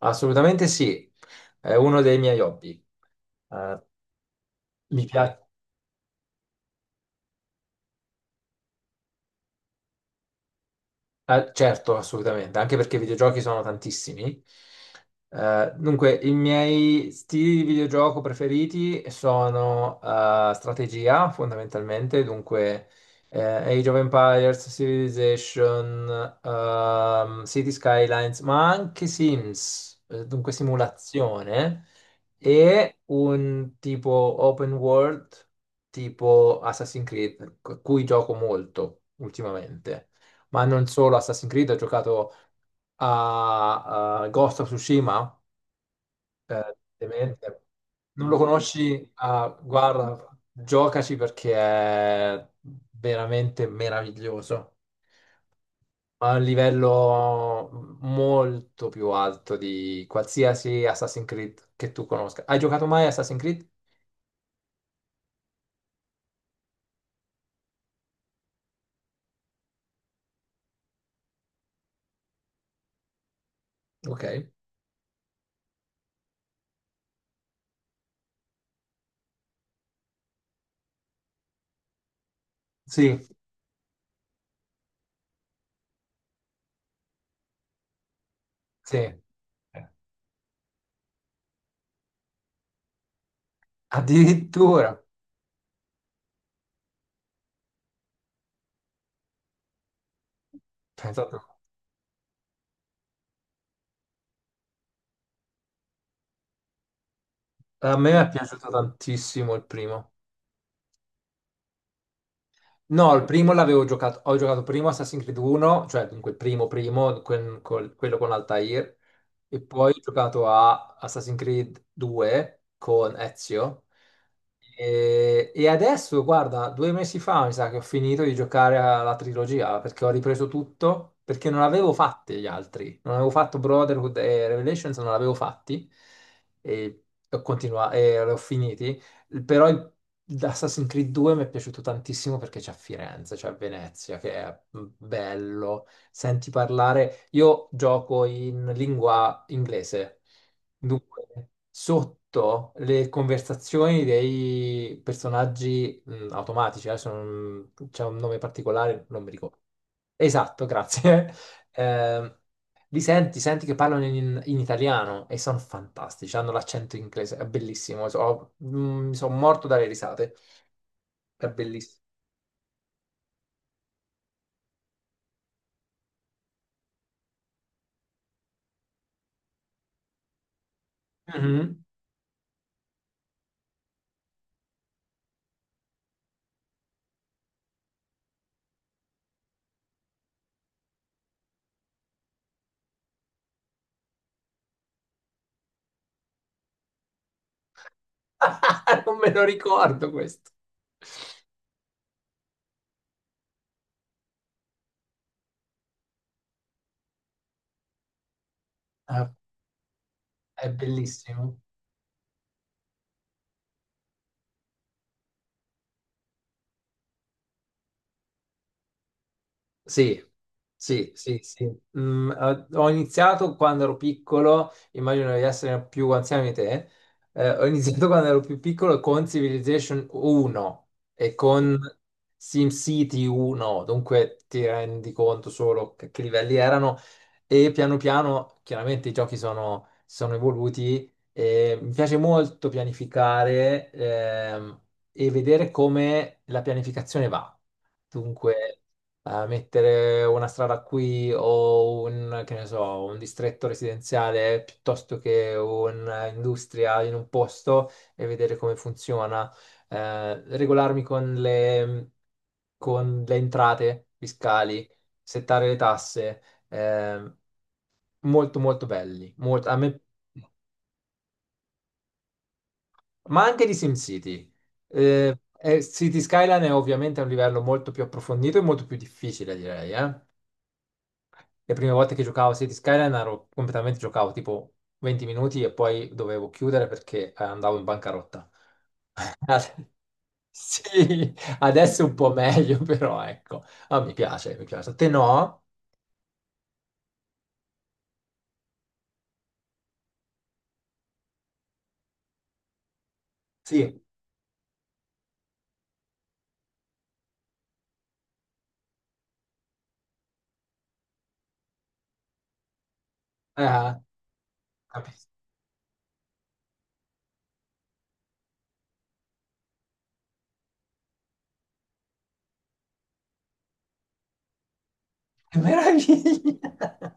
Assolutamente sì, è uno dei miei hobby. Eh, Mi piace. Certo, assolutamente, anche perché i videogiochi sono tantissimi. Dunque, i miei stili di videogioco preferiti sono strategia, fondamentalmente. Dunque Age of Empires, Civilization, City Skylines, ma anche Sims, dunque simulazione, e un tipo open world, tipo Assassin's Creed, cui gioco molto ultimamente, ma non solo Assassin's Creed. Ho giocato a Ghost of Tsushima, ovviamente. Non lo conosci? Ah, guarda, giocaci perché è veramente meraviglioso. Ha un livello molto più alto di qualsiasi Assassin's Creed che tu conosca. Hai giocato mai a Assassin's Creed? Ok. Sì, sì. Addirittura. Pensa tu. A me è piaciuto tantissimo il primo. No, il primo l'avevo giocato, ho giocato primo Assassin's Creed 1, cioè dunque il primo primo, quello con Altair. E poi ho giocato a Assassin's Creed 2 con Ezio, e adesso, guarda, 2 mesi fa mi sa che ho finito di giocare alla trilogia, perché ho ripreso tutto, perché non avevo fatti gli altri, non avevo fatto Brotherhood e Revelations, non l'avevo fatti, e ho continuato, e li ho finiti. però il- Assassin's Creed 2 mi è piaciuto tantissimo perché c'è a Firenze, c'è a Venezia, che è bello. Senti parlare, io gioco in lingua inglese, dunque sotto le conversazioni dei personaggi automatici, adesso non- c'è un nome particolare, non mi ricordo. Esatto, grazie. Eh, Li senti, senti che parlano in italiano e sono fantastici, hanno l'accento inglese, è bellissimo. Mi sono morto dalle risate, è bellissimo. Mhm. Non me lo ricordo questo, è, è bellissimo. Sì, sì, sì, sì. Ho iniziato quando ero piccolo, immagino di essere più anziano di te. Ho iniziato quando ero più piccolo con Civilization 1 e con SimCity 1. Dunque ti rendi conto solo che livelli erano, e piano piano chiaramente i giochi sono evoluti, e mi piace molto pianificare e vedere come la pianificazione va. Dunque mettere una strada qui o un, che ne so, un distretto residenziale piuttosto che un'industria in un posto e vedere come funziona, regolarmi con con le entrate fiscali, settare le tasse, eh, molto molto belli, ma anche di SimCity. City Skyline è ovviamente a un livello molto più approfondito e molto più difficile, direi, eh. Le prime volte che giocavo a City Skyline ero completamente giocavo tipo 20 minuti e poi dovevo chiudere perché andavo in bancarotta. Ad- Sì, adesso è un po' meglio, però ecco. Ah, mi piace, mi piace. A te no? Sì. Ah, capisco. Che meraviglia!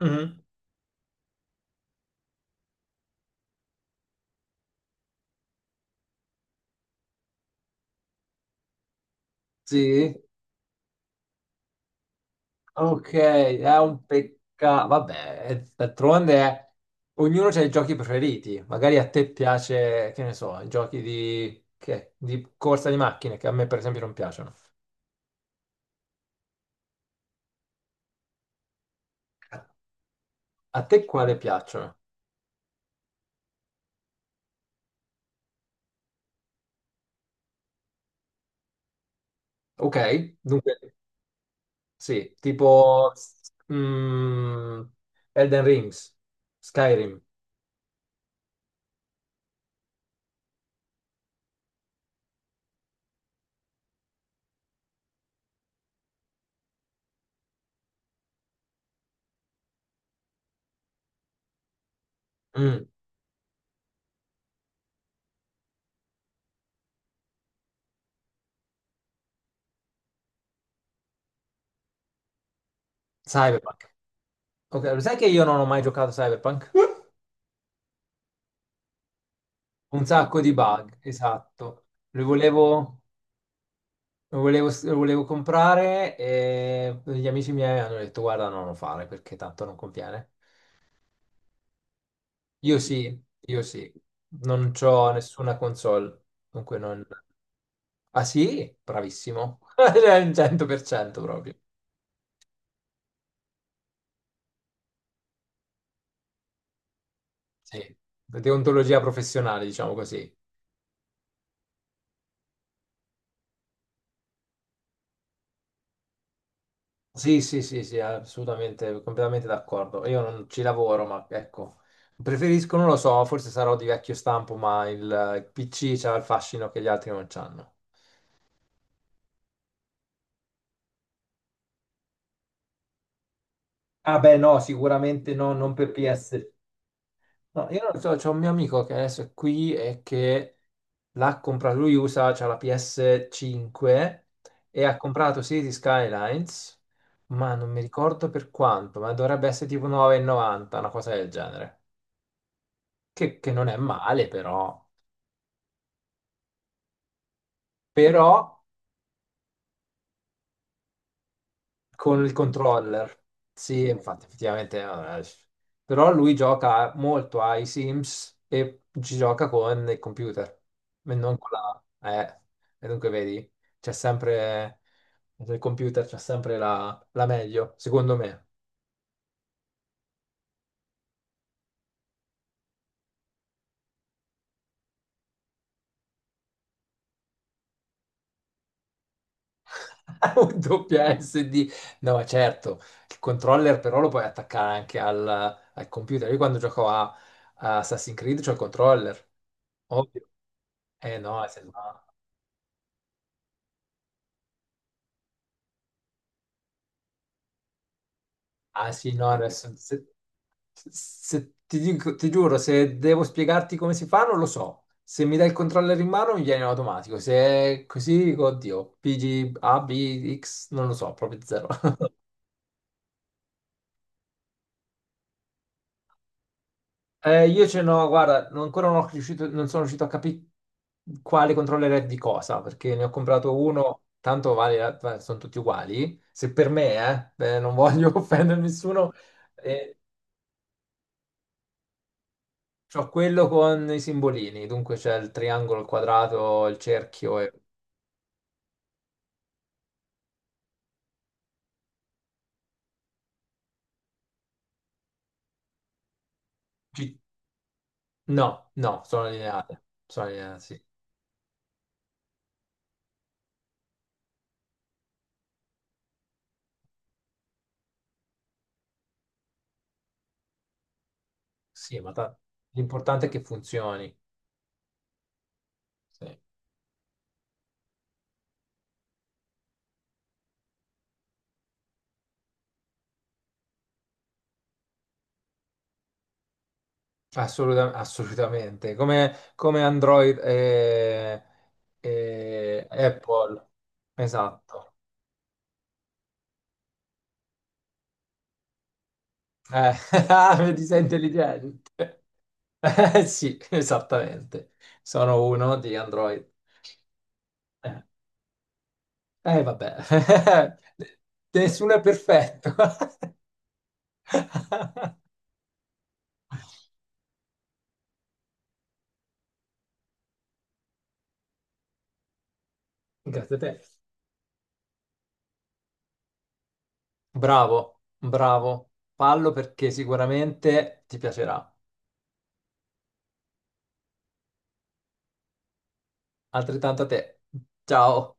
Mhm. Sì. Ok, è un peccato. Vabbè, d'altronde ognuno ha i giochi preferiti. Magari a te piace, che ne so, i giochi di corsa di macchine, che a me per esempio non piacciono. A te quale piacciono? Ok, dunque, sì, tipo mm, Elden Rings, Skyrim, mm, Cyberpunk. Ok, lo sai che io non ho mai giocato a Cyberpunk? Un sacco di bug, esatto. Lo volevo... lo volevo comprare, e gli amici miei hanno detto guarda no, non lo fare perché tanto non conviene. Io sì, non c'ho nessuna console, dunque non... Ah sì? Bravissimo. Cioè, il 100% proprio. Sì, deontologia professionale, diciamo così. Sì, sì, sì, sì, assolutamente, completamente d'accordo. Io non ci lavoro, ma ecco, preferisco, non lo so, forse sarò di vecchio stampo, ma il PC c'ha il fascino che gli altri non c'hanno. Ah beh, no, sicuramente no, non per PS. No, io non lo so, c'è un mio amico che adesso è qui e che l'ha comprato, lui usa, c'ha la PS5 e ha comprato City Skylines, ma non mi ricordo per quanto, ma dovrebbe essere tipo 9,90, una cosa del genere, che non è male però. Mm. Però con il controller. Sì, infatti, effettivamente. Però lui gioca molto ai Sims e ci gioca con il computer, e non con la... eh, e dunque vedi, c'è sempre... Nel computer c'è sempre la meglio, secondo me. Un doppia SD. No, certo, il controller però lo puoi attaccare anche al computer. Io quando gioco a Assassin's Creed c'ho il controller, ovvio. Eh no, se no. Ah sì, no, adesso ti giuro, se devo spiegarti come si fa, non lo so. Se mi dai il controller in mano mi viene in automatico. Se è così, dico, oddio, PG, A, B, X, non lo so, proprio zero. Io ce n'ho, guarda, non- ancora non, ho riuscito- non sono riuscito a capire quale controller è di cosa, perché ne ho comprato uno, tanto vale, sono tutti uguali. Se per me, non voglio offendere nessuno. eh, C'ho quello con i simbolini, dunque c'è il triangolo, il quadrato, il cerchio e... Ci- No, no, sono allineate. Sono allineate, sì. Sì, ma l'importante è che funzioni. Sì. Assolutamente. Come Android e Apple. Esatto. Eh, vedi, sei intelligente. Sì, esattamente. Sono uno di Android. Vabbè, nessuno è perfetto. Grazie a te. Bravo, bravo. Fallo perché sicuramente ti piacerà. Altrettanto a te. Ciao.